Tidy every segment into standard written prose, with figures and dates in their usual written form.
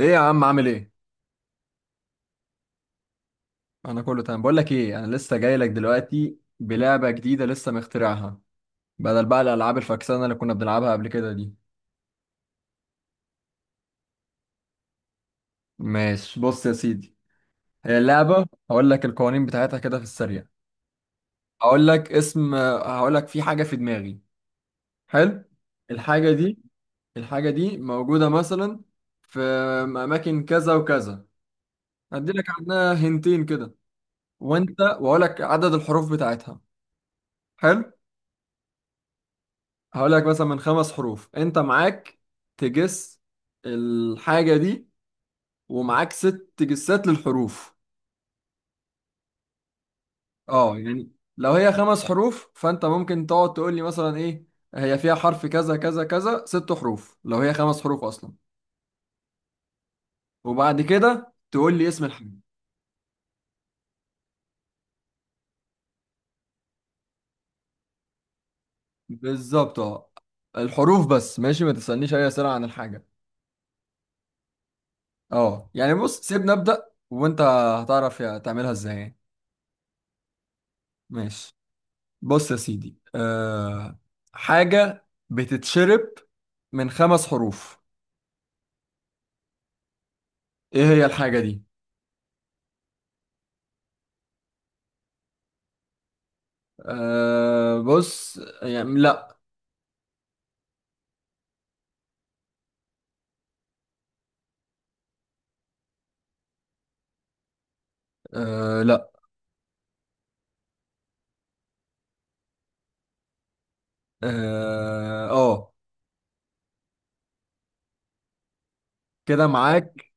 ايه يا عم، عامل ايه؟ انا كله تمام. بقول لك ايه، انا لسه جاي لك دلوقتي بلعبه جديده لسه مخترعها. بدل بقى الالعاب الفكسانه اللي كنا بنلعبها قبل كده دي. ماشي، بص يا سيدي. هي اللعبه، هقول لك القوانين بتاعتها كده في السريع. هقول لك في حاجه في دماغي. حلو. الحاجه دي الحاجه دي موجوده مثلا في اماكن كذا وكذا. هدي لك عنها هنتين كده. واقول لك عدد الحروف بتاعتها. حلو. هقول لك مثلا من خمس حروف، انت معاك تجس الحاجة دي، ومعاك ست جسات للحروف. اه، يعني لو هي خمس حروف فانت ممكن تقعد تقول لي مثلا: ايه، هي فيها حرف كذا كذا كذا، ست حروف لو هي خمس حروف اصلا. وبعد كده تقول لي اسم الحاجة. بالظبط، اه. الحروف بس، ماشي، ما تسألنيش اي أسئلة عن الحاجة. اه، يعني بص، سيبني أبدأ وانت هتعرف تعملها ازاي يعني. ماشي، بص يا سيدي. حاجة بتتشرب من خمس حروف. ايه هي الحاجة دي؟ أه بص، يعني لا. أه، لا. اه، آه. كده معاك.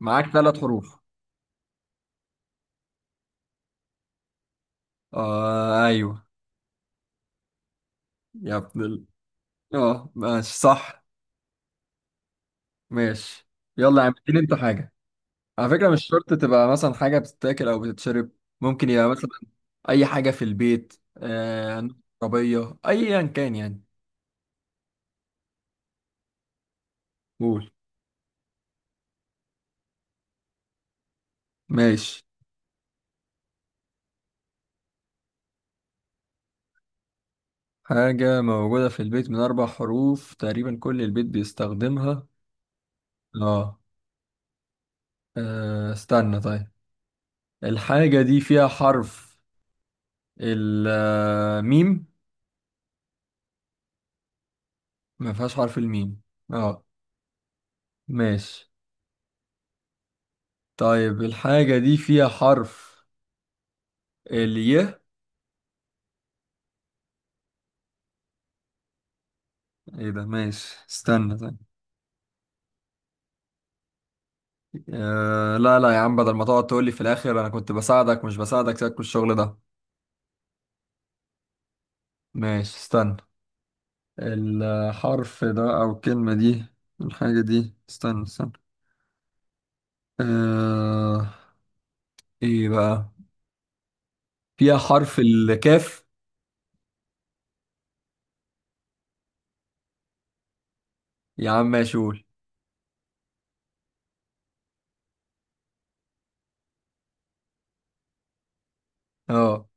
معاك ثلاث حروف. أه، ايوه. يا ابن ال-. اه ماشي، صح. ماشي. يلا يا عم، اديني انت حاجة. على فكرة، مش شرط تبقى مثلا حاجة بتتاكل او بتتشرب. ممكن يبقى مثلا اي حاجة في البيت، عربية ايا كان يعني. قول. ماشي. حاجة موجودة في البيت من أربع حروف، تقريبا كل البيت بيستخدمها. آه. استنى طيب. الحاجة دي فيها حرف الميم؟ ما فيهاش حرف الميم. آه. ماشي. طيب، الحاجة دي فيها حرف الي؟ ايه ده؟ ماشي، استنى طيب. آه لا لا يا عم، بدل ما تقعد تقولي في الآخر أنا كنت بساعدك مش بساعدك، سيبك من الشغل ده. ماشي، استنى. الحرف ده أو الكلمة دي، الحاجة دي، استنى استنى. آه إيه بقى؟ فيها حرف الكاف؟ يا عم ماشي، قول. اه.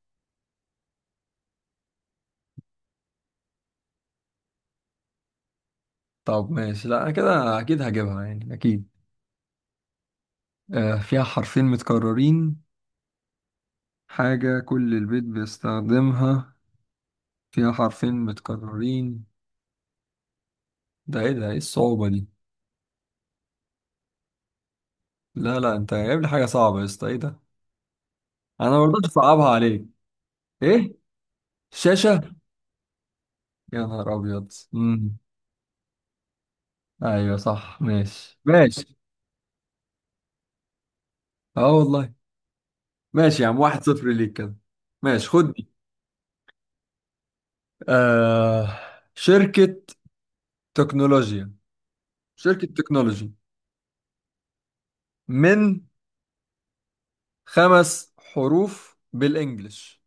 طب ماشي، لا أنا كده أكيد هجيبها يعني، أكيد. آه فيها حرفين متكررين. حاجة كل البيت بيستخدمها، فيها حرفين متكررين، ده إيه؟ ده إيه الصعوبة دي؟ لا لا، أنت جايب لي حاجة صعبة يا اسطى، إيه ده؟ أنا ما برضاش أصعبها عليك. إيه؟ شاشة؟ يا نهار أبيض، مم. ايوه صح، ماشي ماشي. اه والله. ماشي يا عم، 1-0 ليك كده. ماشي، خد دي. آه. شركة تكنولوجيا شركة تكنولوجي من خمس حروف بالانجلش.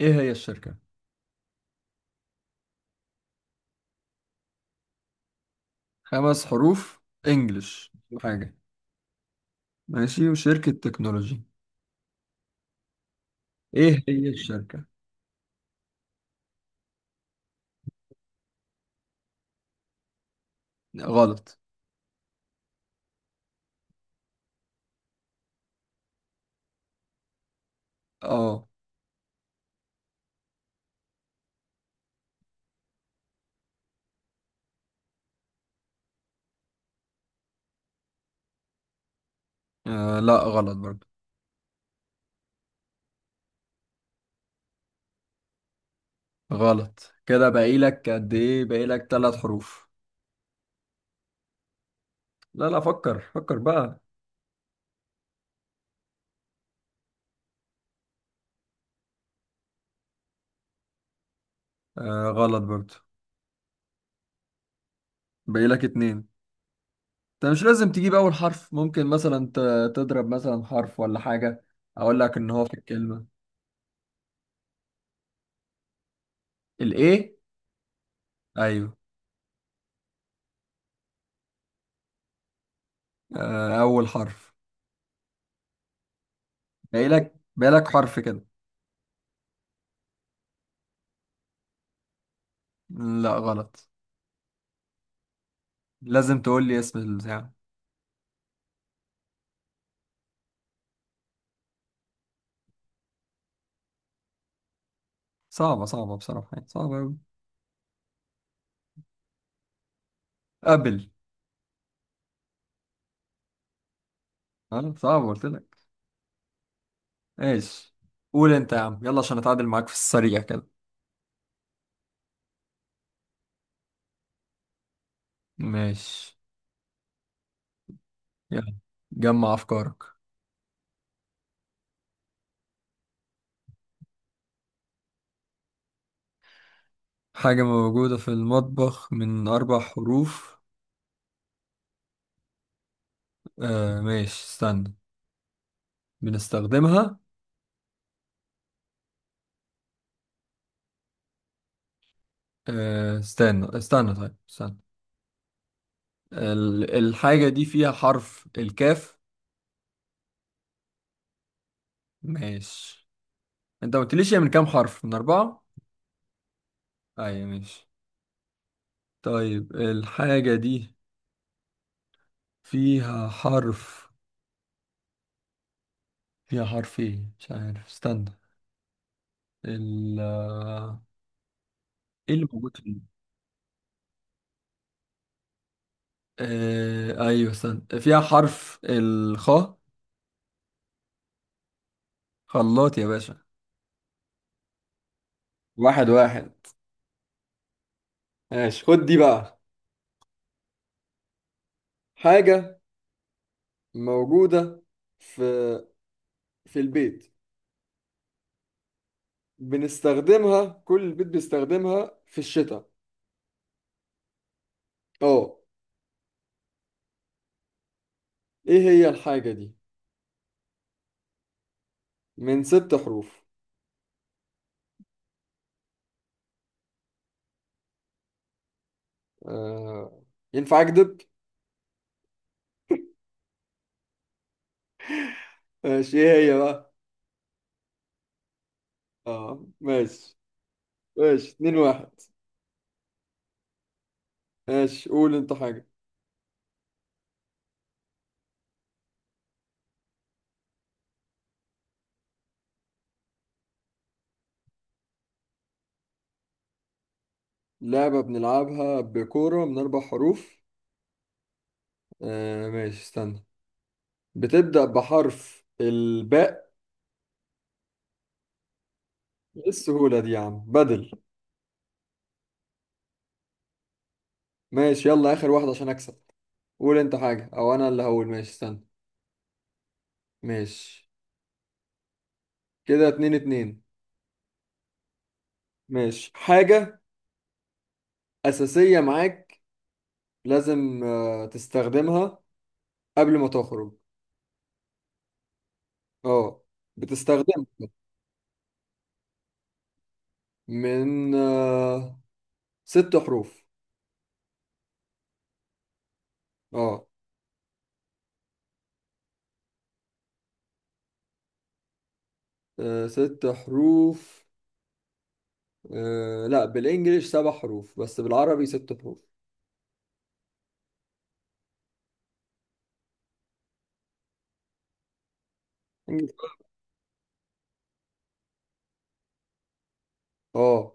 ايه هي الشركة؟ خمس حروف، انجلش. حاجة. ماشي، وشركة تكنولوجي. ايه هي الشركة؟ غلط. اه. لا غلط برضو. غلط كده، باقي لك قد ايه؟ باقي لك ثلاث حروف. لا لا، فكر فكر بقى. آه، غلط برضه. باقي لك اتنين. انت مش لازم تجيب اول حرف، ممكن مثلا تضرب مثلا حرف ولا حاجة، اقول لك ان هو في الكلمة. الايه؟ ايوه. آه، اول حرف. باقي لك حرف كده. لا، غلط. لازم تقول لي اسم البتاع. صعبة صعبة بصراحة، يعني صعبة اوي. قبل. اه، صعبة قلت لك. ايش؟ قول انت يا عم، يلا عشان اتعادل معاك في السريع كده. ماشي يلا، جمع افكارك. حاجة موجودة في المطبخ من اربع حروف. آه ماشي، استنى. بنستخدمها. استنى استنى طيب، استنى. الحاجة دي فيها حرف الكاف؟ ماشي. انت ما قلتليش هي من كام حرف؟ من أربعة؟ أيوة، ماشي. طيب الحاجة دي فيها حرف فيها حرف ايه، مش عارف، استنى. ال آه، ايه اللي موجود فيه؟ آه، ايوه، استنى، فيها حرف الخاء؟ خلاط يا باشا! 1-1. ماشي، خد دي بقى. حاجة موجودة في في البيت، بنستخدمها، كل البيت بيستخدمها في الشتاء. اه. ايه هي الحاجة دي؟ من ست حروف. آه. ينفع اكدب؟ ماشي ايه هي بقى؟ اه، ماشي. ماشي، 2-1. ماشي، قول انت حاجة. لعبة بنلعبها بكورة من اربع حروف. آه. ماشي، استنى. بتبدأ بحرف الباء؟ ايه السهولة دي يا عم، بدل. ماشي يلا، اخر واحد عشان اكسب. قول انت حاجة او انا اللي هقول، ماشي استنى. ماشي، كده 2-2. ماشي، حاجة اساسية معاك لازم تستخدمها قبل ما تخرج. اه، بتستخدمها. من ست حروف. اه. ست حروف. لا بالانجليش سبع حروف بس بالعربي ست حروف. انجليش. اه.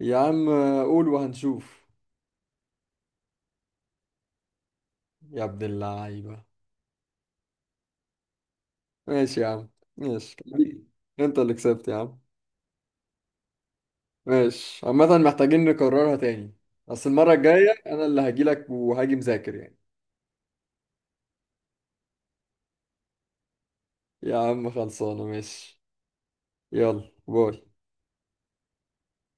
يا عم قول وهنشوف. يا ابن اللعيبة! ماشي يا عم. ماشي حبيبي، انت اللي كسبت يا عم. ماشي، عامة محتاجين نكررها تاني، بس المرة الجاية أنا اللي هجيلك وهاجي مذاكر يعني. يا عم خلصانة، ماشي. يلا، باي.